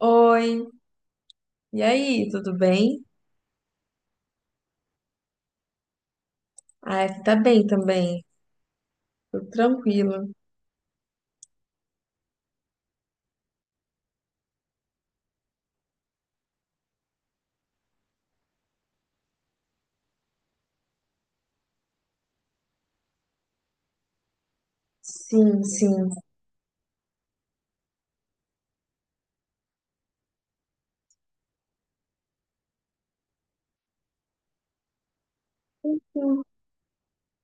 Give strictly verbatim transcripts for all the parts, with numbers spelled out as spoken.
Oi, e aí, tudo bem? Ah, aqui tá bem também, tudo tranquilo. Sim, sim.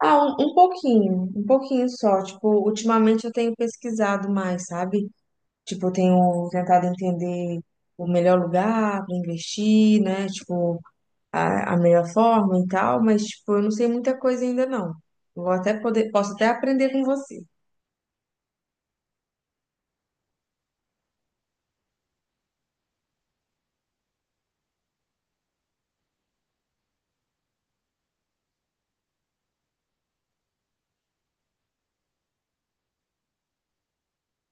Ah, um, um pouquinho, um pouquinho só. Tipo, ultimamente eu tenho pesquisado mais, sabe? Tipo, eu tenho tentado entender o melhor lugar para investir, né? Tipo, a, a melhor forma e tal, mas, tipo, eu não sei muita coisa ainda não. Eu Vou até poder, posso até aprender com você.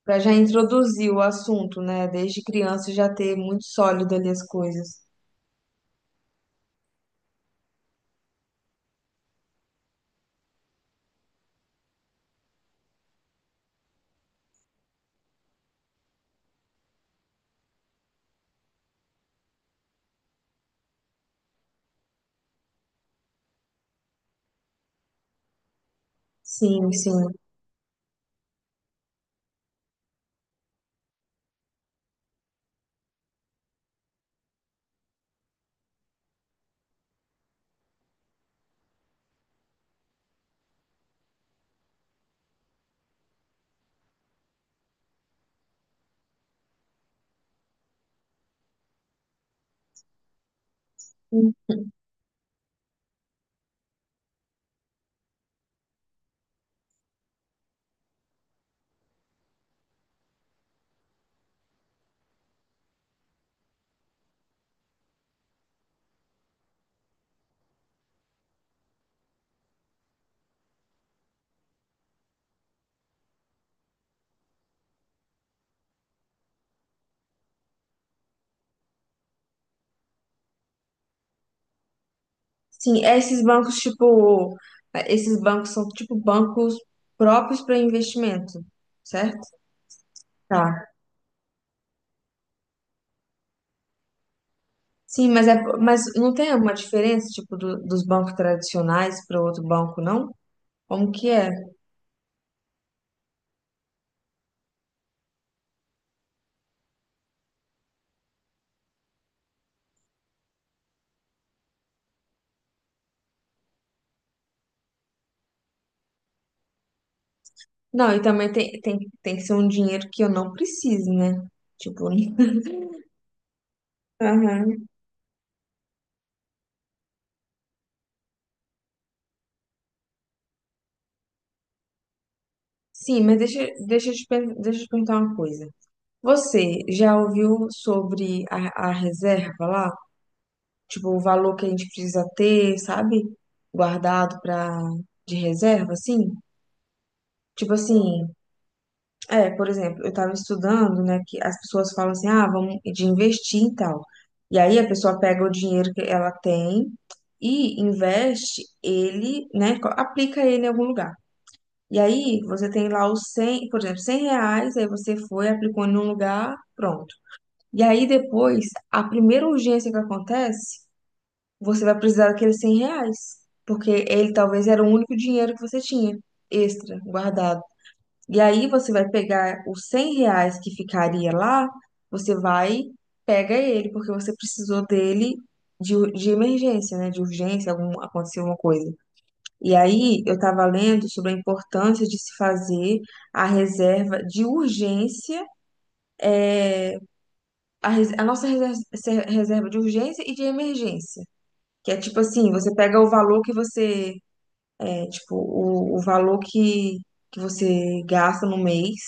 Pra já introduzir o assunto, né? Desde criança já ter muito sólido ali as coisas. Sim, sim. Sim, esses bancos, tipo, esses bancos são tipo bancos próprios para investimento, certo? Tá. Sim, mas, é, mas não tem alguma diferença, tipo, do- dos bancos tradicionais para outro banco, não? Como que é? Não, e também tem, tem, tem que ser um dinheiro que eu não preciso, né? Tipo, Aham. Sim, mas deixa, deixa, eu te, per- deixa eu te perguntar uma coisa. Você já ouviu sobre a, a reserva lá? Tipo, o valor que a gente precisa ter, sabe? Guardado para de reserva, assim. Tipo assim, é, por exemplo, eu tava estudando, né, que as pessoas falam assim, ah, vamos de investir e tal. E aí a pessoa pega o dinheiro que ela tem e investe ele, né, co- aplica ele em algum lugar. E aí você tem lá os cem, por exemplo, cem reais, aí você foi, aplicou em um lugar, pronto. E aí depois, a primeira urgência que acontece, você vai precisar daqueles cem reais, porque ele talvez era o único dinheiro que você tinha extra guardado. E aí você vai pegar os cem reais que ficaria lá, você vai, pega ele, porque você precisou dele de, ur- de emergência, né? De urgência, algum, aconteceu alguma coisa. E aí eu estava lendo sobre a importância de se fazer a reserva de urgência, a, res- a nossa reserva reserva de urgência e de emergência. Que é tipo assim, você pega o valor que você é, tipo, o, o valor que, que você gasta no mês,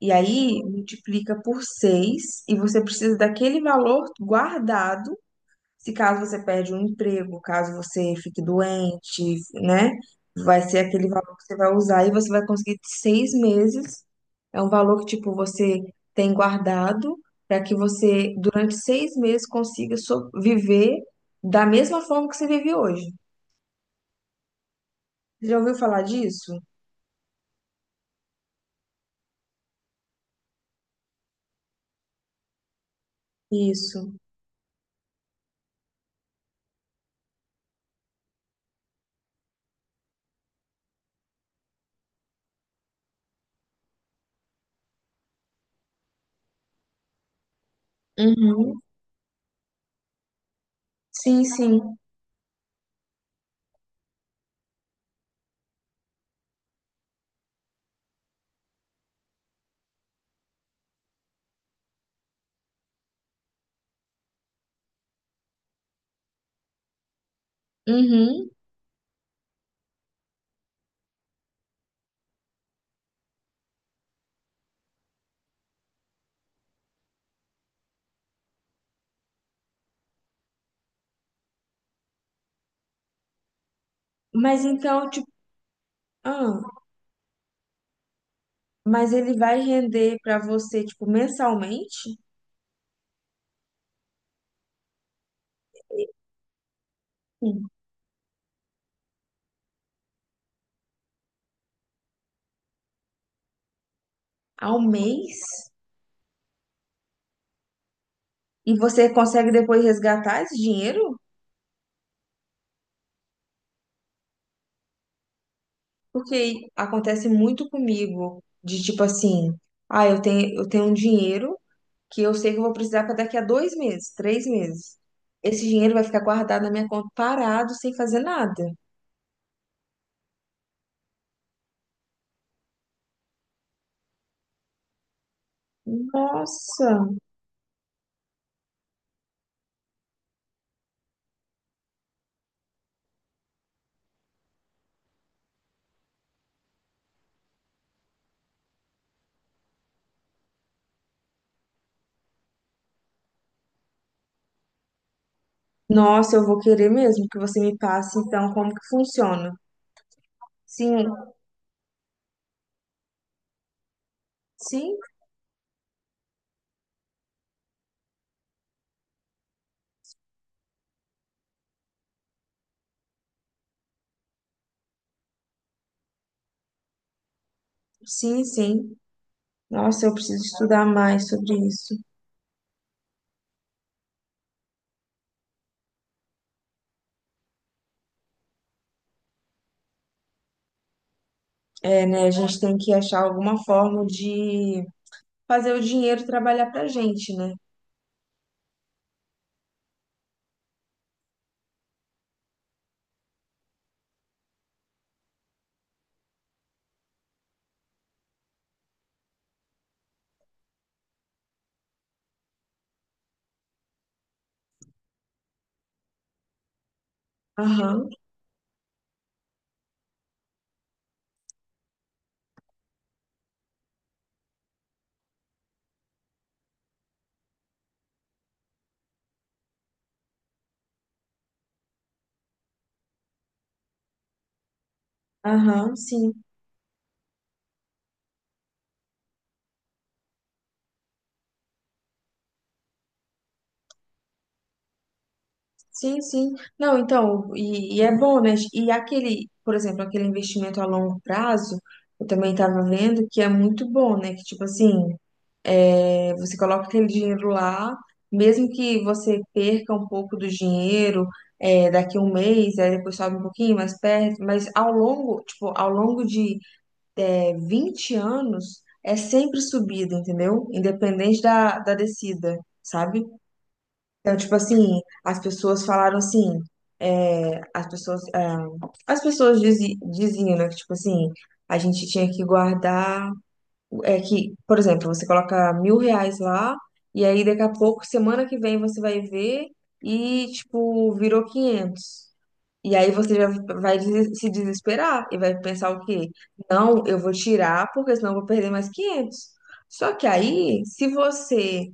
e aí multiplica por seis e você precisa daquele valor guardado, se caso você perde um emprego, caso você fique doente, né? Vai ser aquele valor que você vai usar e você vai conseguir seis meses. É um valor que, tipo, você tem guardado para que você, durante seis meses, consiga so- viver da mesma forma que você vive hoje. Você já ouviu falar disso? Isso. Uhum. Sim, sim. Uhum. Mas então, tipo, ah, mas ele vai render pra você, tipo, mensalmente? Sim. Ao mês? E você consegue depois resgatar esse dinheiro? Porque acontece muito comigo, de tipo assim, ah, eu tenho, eu tenho um dinheiro que eu sei que eu vou precisar para daqui a dois meses, três meses. Esse dinheiro vai ficar guardado na minha conta parado, sem fazer nada. Nossa! Nossa, eu vou querer mesmo que você me passe, então, como que funciona. Sim, sim, sim, sim. Nossa, eu preciso estudar mais sobre isso. É, né? A gente tem que achar alguma forma de fazer o dinheiro trabalhar pra gente, né? Aham, aham, sim, sim, sim. Não, então, e, e é bom, né? E aquele, por exemplo, aquele investimento a longo prazo, eu também estava vendo que é muito bom, né? Que, tipo assim, É, você coloca aquele dinheiro lá, mesmo que você perca um pouco do dinheiro, é, daqui a um mês, aí depois sobe um pouquinho mais perto, mas ao longo, tipo, ao longo de é, vinte anos, é sempre subida, entendeu? Independente da, da descida, sabe? Então, tipo assim, as pessoas falaram assim, é, as pessoas, é, as pessoas dizi- diziam, né, que, tipo assim, a gente tinha que guardar. É que, por exemplo, você coloca mil reais lá, e aí daqui a pouco, semana que vem, você vai ver e, tipo, virou quinhentos. E aí você já vai des- se desesperar e vai pensar o quê? Não, eu vou tirar porque senão eu vou perder mais quinhentos. Só que aí, se você,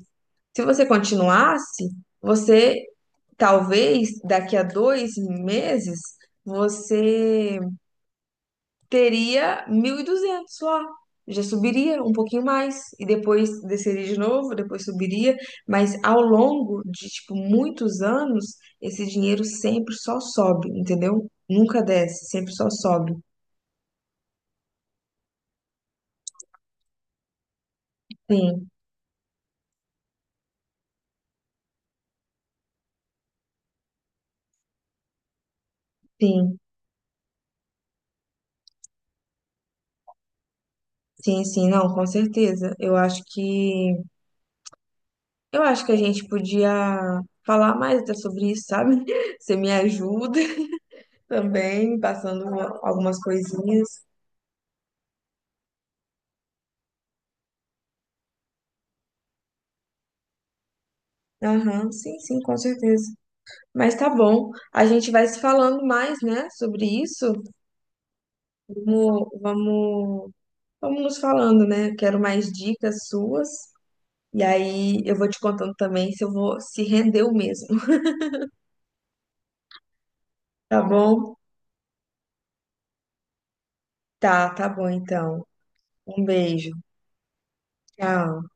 se você continuasse, você talvez daqui a dois meses, você teria mil e duzentos lá. Já subiria um pouquinho mais e depois desceria de novo, depois subiria, mas ao longo de tipo muitos anos, esse dinheiro sempre só sobe, entendeu? Nunca desce, sempre só sobe. Sim, sim. Sim, sim, não, com certeza. Eu acho que eu acho que a gente podia falar mais até sobre isso, sabe? Você me ajuda também, passando algumas coisinhas. Aham, sim, sim, com certeza. Mas tá bom, a gente vai se falando mais, né, sobre isso. Vamos, vamos, vamos nos falando, né? Quero mais dicas suas. E aí eu vou te contando também se eu vou se rendeu mesmo, tá bom? Tá, tá bom então. Um beijo. Tchau.